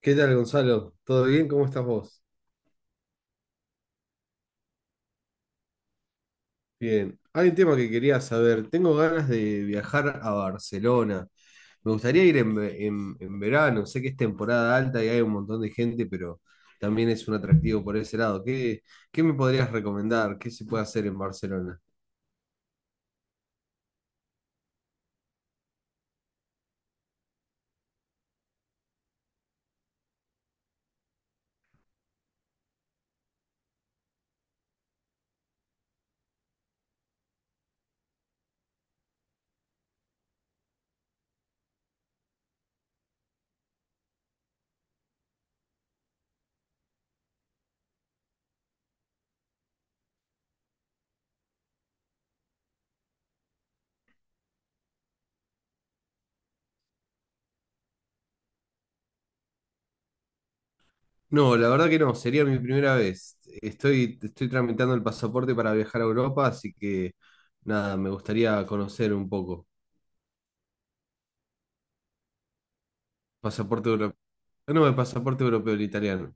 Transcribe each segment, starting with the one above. ¿Qué tal, Gonzalo? ¿Todo bien? ¿Cómo estás vos? Bien. Hay un tema que quería saber. Tengo ganas de viajar a Barcelona. Me gustaría ir en verano. Sé que es temporada alta y hay un montón de gente, pero también es un atractivo por ese lado. ¿Qué me podrías recomendar? ¿Qué se puede hacer en Barcelona? No, la verdad que no. Sería mi primera vez. Estoy tramitando el pasaporte para viajar a Europa, así que nada, me gustaría conocer un poco. Pasaporte europeo. No, el pasaporte europeo, el italiano.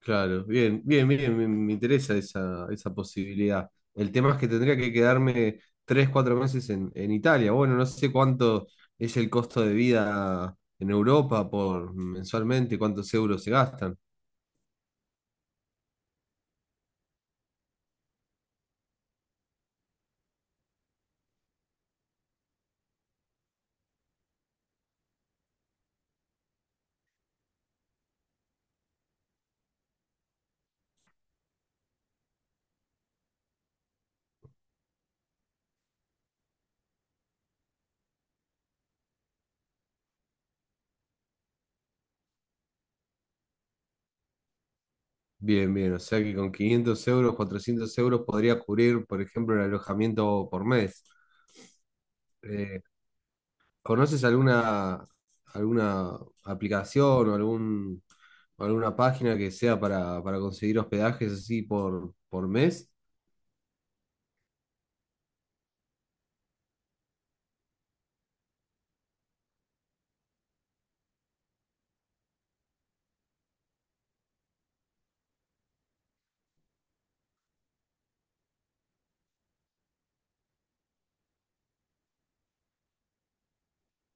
Claro, bien, bien, bien, me interesa esa posibilidad. El tema es que tendría que quedarme tres, cuatro meses en Italia. Bueno, no sé cuánto es el costo de vida en Europa por mensualmente, cuántos euros se gastan. Bien, bien, o sea que con 500 euros, 400 euros podría cubrir, por ejemplo, el alojamiento por mes. Eh, ¿Conoces alguna aplicación o alguna página que sea para conseguir hospedajes así por mes?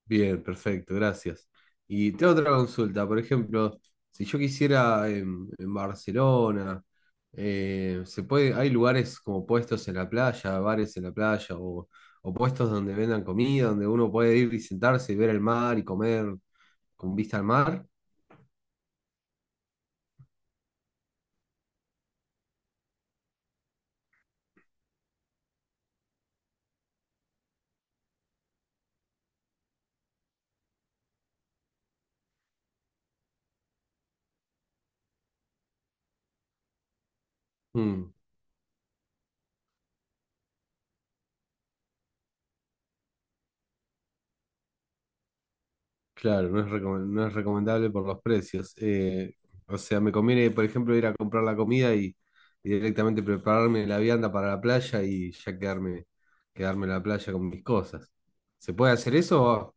Bien, perfecto, gracias. Y tengo otra consulta, por ejemplo, si yo quisiera en Barcelona, se puede, hay lugares como puestos en la playa, bares en la playa, o puestos donde vendan comida, donde uno puede ir y sentarse y ver el mar y comer con vista al mar. Mm. Claro, no es recomendable por los precios. O sea, me conviene, por ejemplo, ir a comprar la comida y directamente prepararme la vianda para la playa y ya quedarme en la playa con mis cosas. ¿Se puede hacer eso?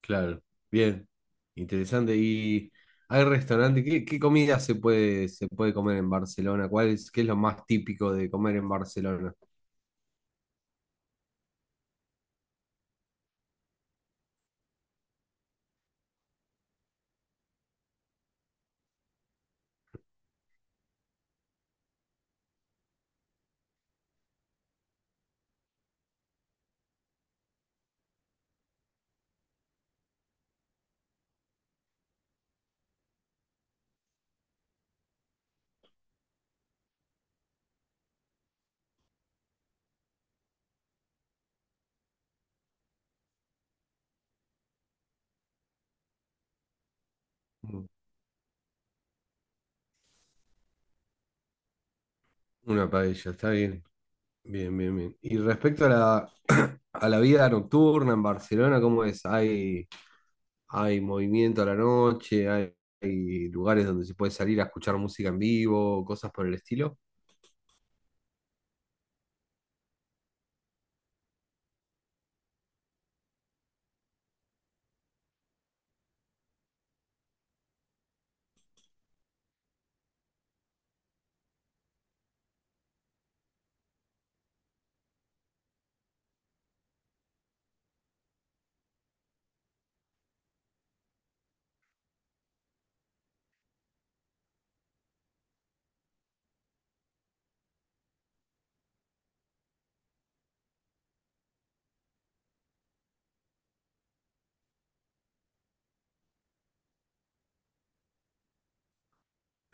Claro, bien, interesante. ¿Y hay restaurante? ¿Qué comida se puede comer en Barcelona? ¿Cuál es, qué es lo más típico de comer en Barcelona? Una paella, está bien. Bien, bien, bien. Y respecto a la, a la vida nocturna en Barcelona, ¿cómo es? ¿Hay movimiento a la noche? ¿Hay lugares donde se puede salir a escuchar música en vivo? ¿Cosas por el estilo?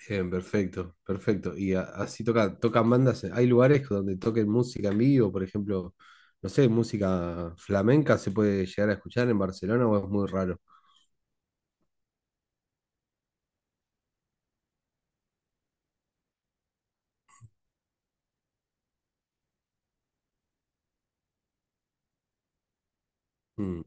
Bien, perfecto, perfecto. Y así tocan bandas. ¿Hay lugares donde toquen música en vivo? Por ejemplo, no sé, música flamenca se puede llegar a escuchar en Barcelona o es muy raro. Mm.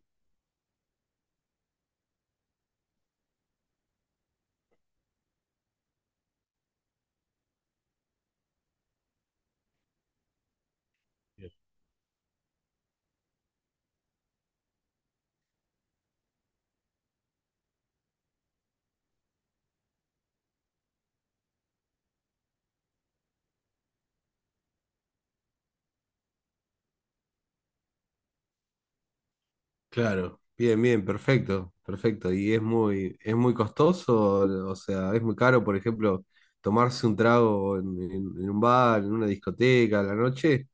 Claro, bien, bien, perfecto, perfecto. Y es muy costoso, o sea, es muy caro, por ejemplo, tomarse un trago en un bar, en una discoteca a la noche.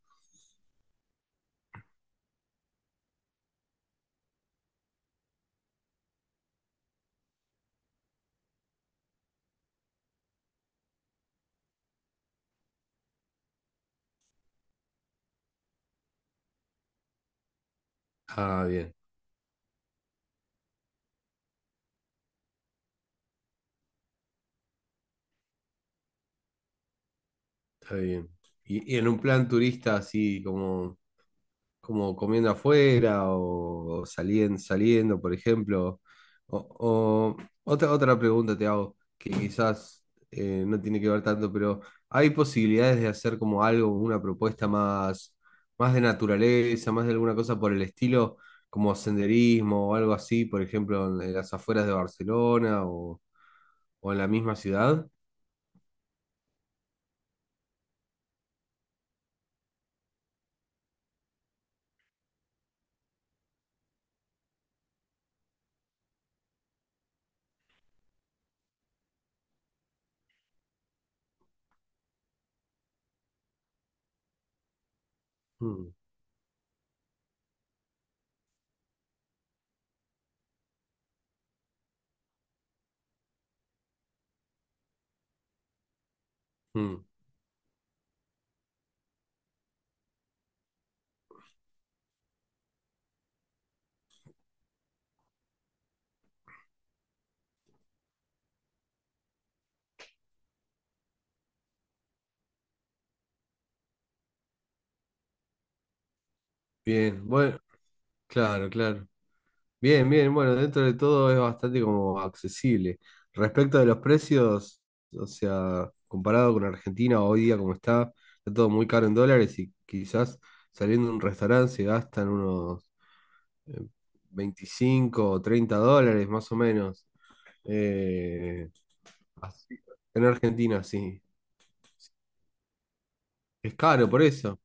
Ah, bien, está bien. Y en un plan turista así como comiendo afuera o, saliendo, por ejemplo. O, o- otra pregunta te hago, que quizás no tiene que ver tanto, pero ¿hay posibilidades de hacer como algo, una propuesta más de naturaleza, más de alguna cosa por el estilo, como senderismo o algo así, por ejemplo, en las afueras de Barcelona o en la misma ciudad? Mm, mm, bien, bueno, claro, claro. Bien, bien, bueno, dentro de todo es bastante como accesible. Respecto de los precios, o sea, comparado con Argentina hoy día como está, está todo muy caro en dólares y quizás saliendo de un restaurante se gastan unos eh, 25 o 30 dólares más o menos. Eh, así, en Argentina, sí. Es caro por eso.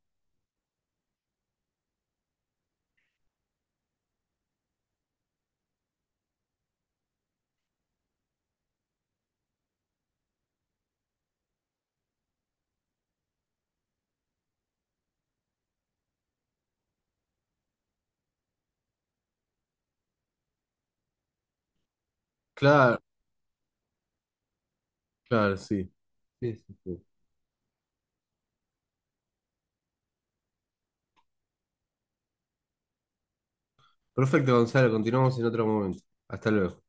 Claro, claro, sí. Sí, sí, sí. Perfecto, Gonzalo, continuamos en otro momento. Hasta luego.